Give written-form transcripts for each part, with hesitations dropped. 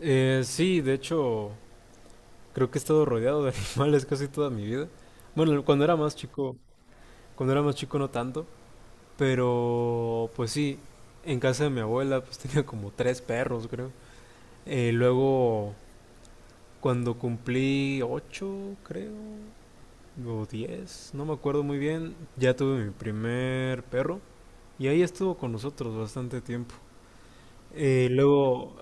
Sí, de hecho, creo que he estado rodeado de animales casi toda mi vida. Bueno, cuando era más chico, no tanto, pero pues sí, en casa de mi abuela pues tenía como tres perros, creo. Luego, cuando cumplí 8, creo, o 10, no me acuerdo muy bien, ya tuve mi primer perro y ahí estuvo con nosotros bastante tiempo. Luego,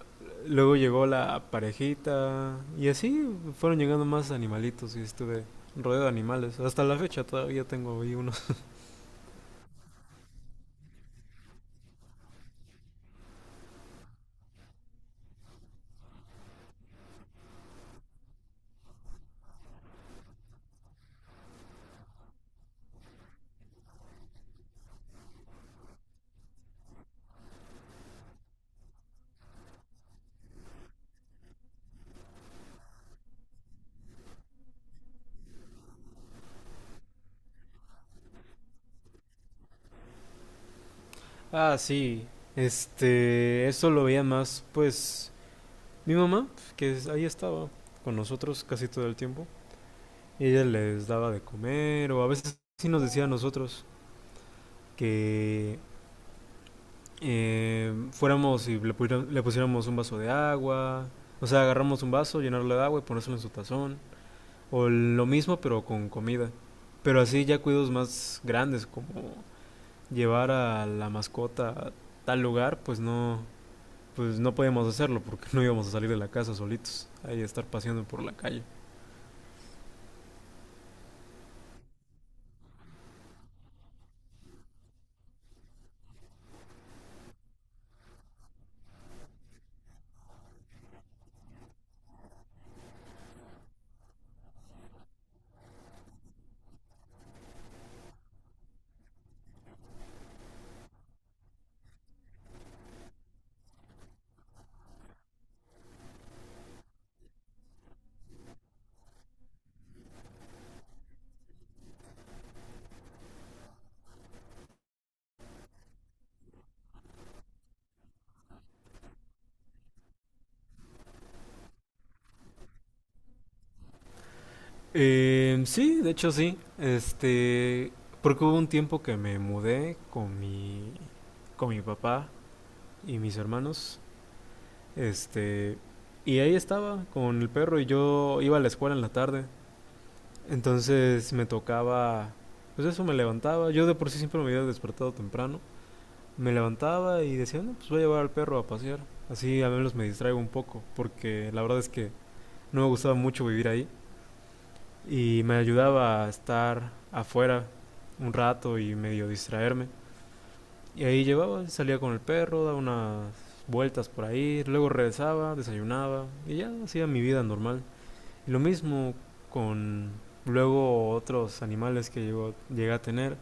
llegó la parejita y así fueron llegando más animalitos y estuve rodeado de animales. Hasta la fecha todavía tengo ahí unos. Ah, sí. Eso lo veía más, pues, mi mamá, ahí estaba con nosotros casi todo el tiempo. Y ella les daba de comer o a veces sí nos decía a nosotros que fuéramos y le pusiéramos un vaso de agua. O sea, agarramos un vaso, llenarlo de agua y ponérselo en su tazón. O lo mismo pero con comida. Pero así ya cuidos más grandes, como llevar a la mascota a tal lugar, pues no podíamos hacerlo porque no íbamos a salir de la casa solitos, ahí a estar paseando por la calle. Sí, de hecho sí, porque hubo un tiempo que me mudé con mi papá y mis hermanos, este, y ahí estaba con el perro y yo iba a la escuela en la tarde. Entonces me tocaba, pues eso me levantaba. Yo de por sí siempre me había despertado temprano. Me levantaba y decía, no, pues voy a llevar al perro a pasear. Así al menos me distraigo un poco, porque la verdad es que no me gustaba mucho vivir ahí. Y me ayudaba a estar afuera un rato y medio distraerme. Y ahí salía con el perro, daba unas vueltas por ahí, luego regresaba, desayunaba y ya hacía mi vida normal. Lo mismo con luego otros animales que llegué a tener.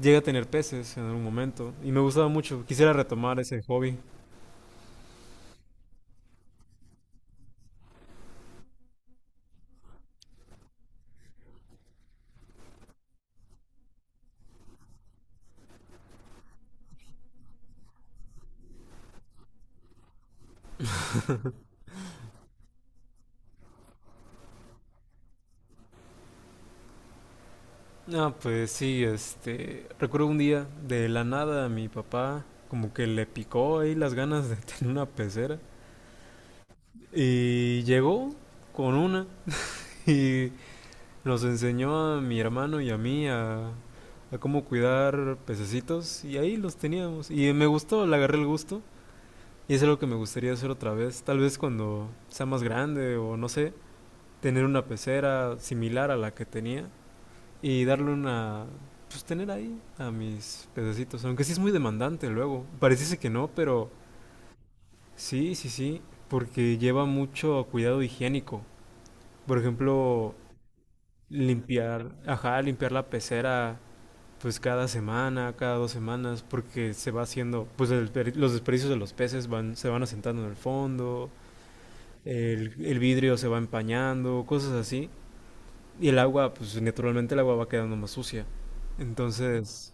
Llegué a tener peces en algún momento y me gustaba mucho. Quisiera retomar ese hobby. Ah, pues sí, recuerdo un día de la nada a mi papá como que le picó ahí las ganas de tener una pecera y llegó con una y nos enseñó a mi hermano y a mí a cómo cuidar pececitos y ahí los teníamos y me gustó, le agarré el gusto. Y es algo que me gustaría hacer otra vez, tal vez cuando sea más grande o no sé, tener una pecera similar a la que tenía y darle una... pues tener ahí a mis pececitos, aunque sí es muy demandante luego. Pareciese que no, pero sí, sí, sí, porque lleva mucho cuidado higiénico. Por ejemplo, ajá, limpiar la pecera pues cada semana, cada 2 semanas, porque se va haciendo, pues los desperdicios de los peces se van asentando en el fondo, el vidrio se va empañando, cosas así. Y el agua, pues naturalmente el agua va quedando más sucia. Entonces,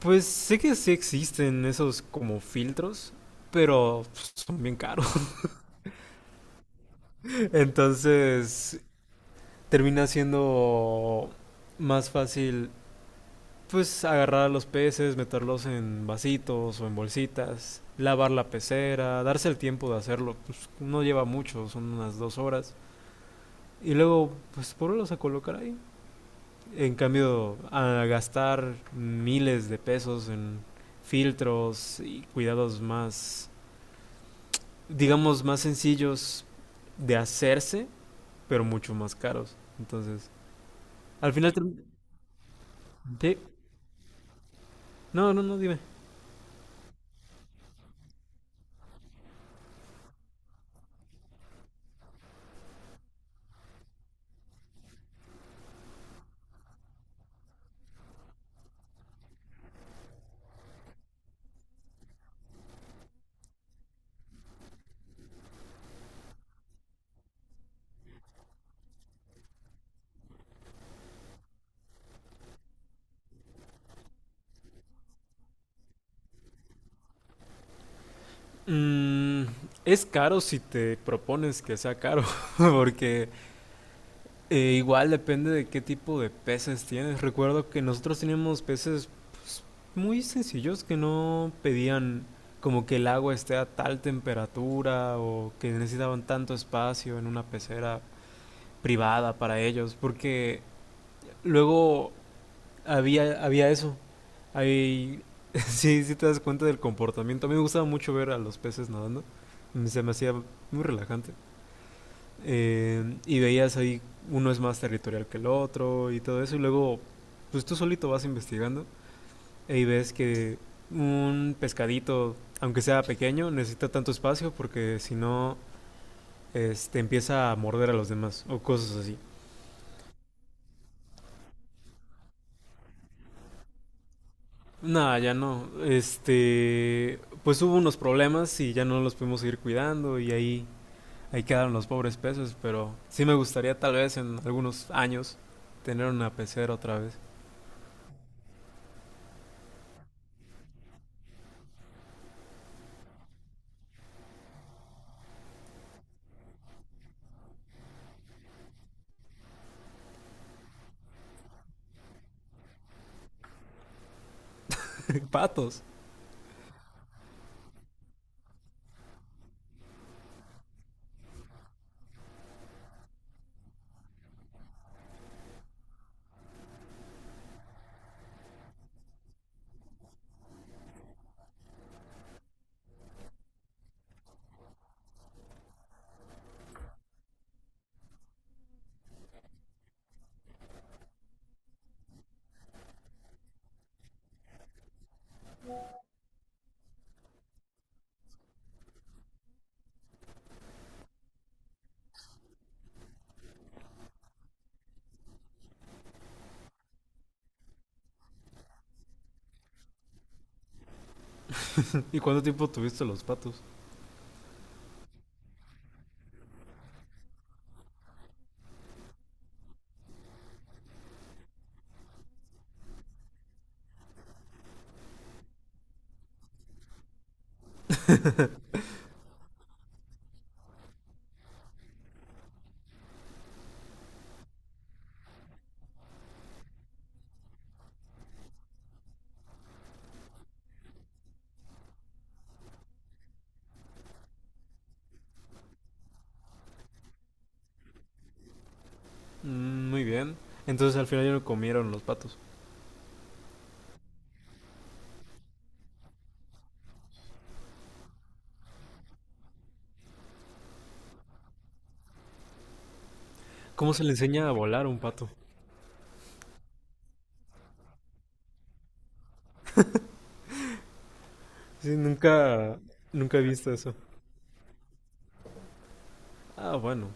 pues sé que sí existen esos como filtros, pero pues, son bien caros. Entonces, termina siendo más fácil pues agarrar a los peces, meterlos en vasitos o en bolsitas, lavar la pecera, darse el tiempo de hacerlo, pues no lleva mucho, son unas 2 horas. Y luego, pues ponerlos a colocar ahí. En cambio, a gastar miles de pesos en filtros y cuidados más, digamos, más sencillos de hacerse, pero mucho más caros. Entonces, al final... Sí. No, no, no, dime. Mm, es caro si te propones que sea caro, porque igual depende de qué tipo de peces tienes. Recuerdo que nosotros teníamos peces pues, muy sencillos que no pedían como que el agua esté a tal temperatura o que necesitaban tanto espacio en una pecera privada para ellos, porque luego había eso. Ahí sí, sí te das cuenta del comportamiento. A mí me gustaba mucho ver a los peces nadando. Se me hacía muy relajante y veías ahí uno es más territorial que el otro y todo eso, y luego pues tú solito vas investigando y ves que un pescadito, aunque sea pequeño, necesita tanto espacio porque si no empieza a morder a los demás o cosas así. Nada, ya no. Pues hubo unos problemas y ya no los pudimos seguir cuidando y ahí, ahí quedaron los pobres peces, pero sí me gustaría tal vez en algunos años tener una pecera otra vez. Patos. ¿Y cuánto tiempo tuviste los patos? Mm, muy bien. Entonces al final ya lo comieron los patos. ¿Cómo se le enseña a volar a un pato? Sí, nunca, nunca he visto eso. Ah, bueno.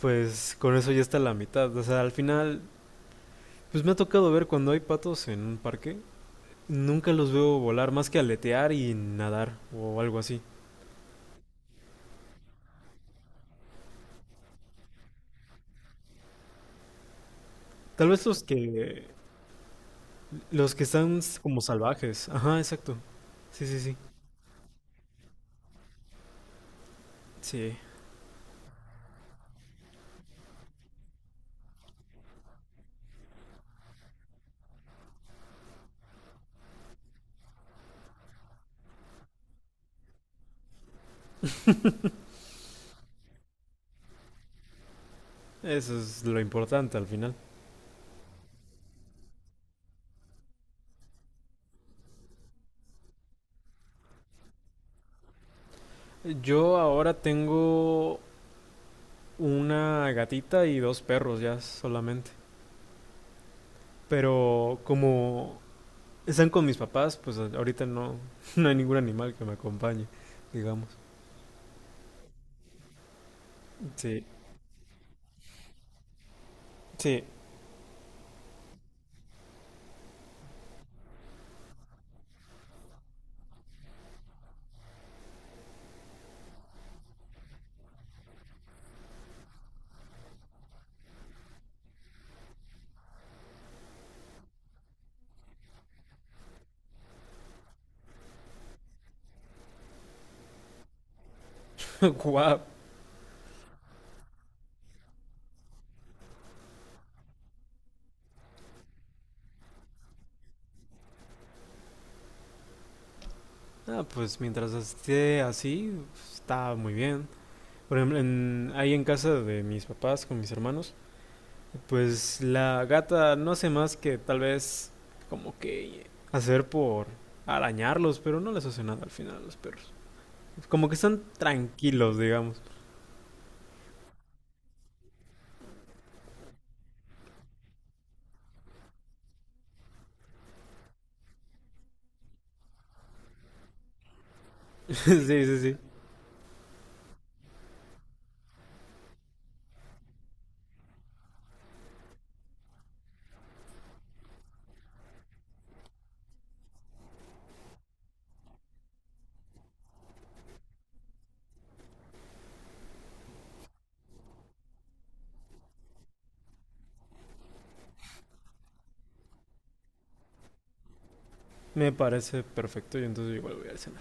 Pues con eso ya está la mitad. O sea, al final, pues me ha tocado ver cuando hay patos en un parque. Nunca los veo volar más que aletear y nadar o algo así. Tal vez los que están como salvajes. Ajá, exacto. Sí, sí, sí. Sí, eso es lo importante al final. Yo ahora tengo una gatita y dos perros ya solamente. Pero como están con mis papás, pues ahorita no, no hay ningún animal que me acompañe, digamos. Sí, sí. Guau. Ah, pues mientras esté así, está muy bien. Por ejemplo, ahí en casa de mis papás con mis hermanos, pues la gata no hace más que tal vez como que hacer por arañarlos, pero no les hace nada al final a los perros. Como que están tranquilos, digamos. Sí, sí, sí. Me parece perfecto y entonces igual voy al cine.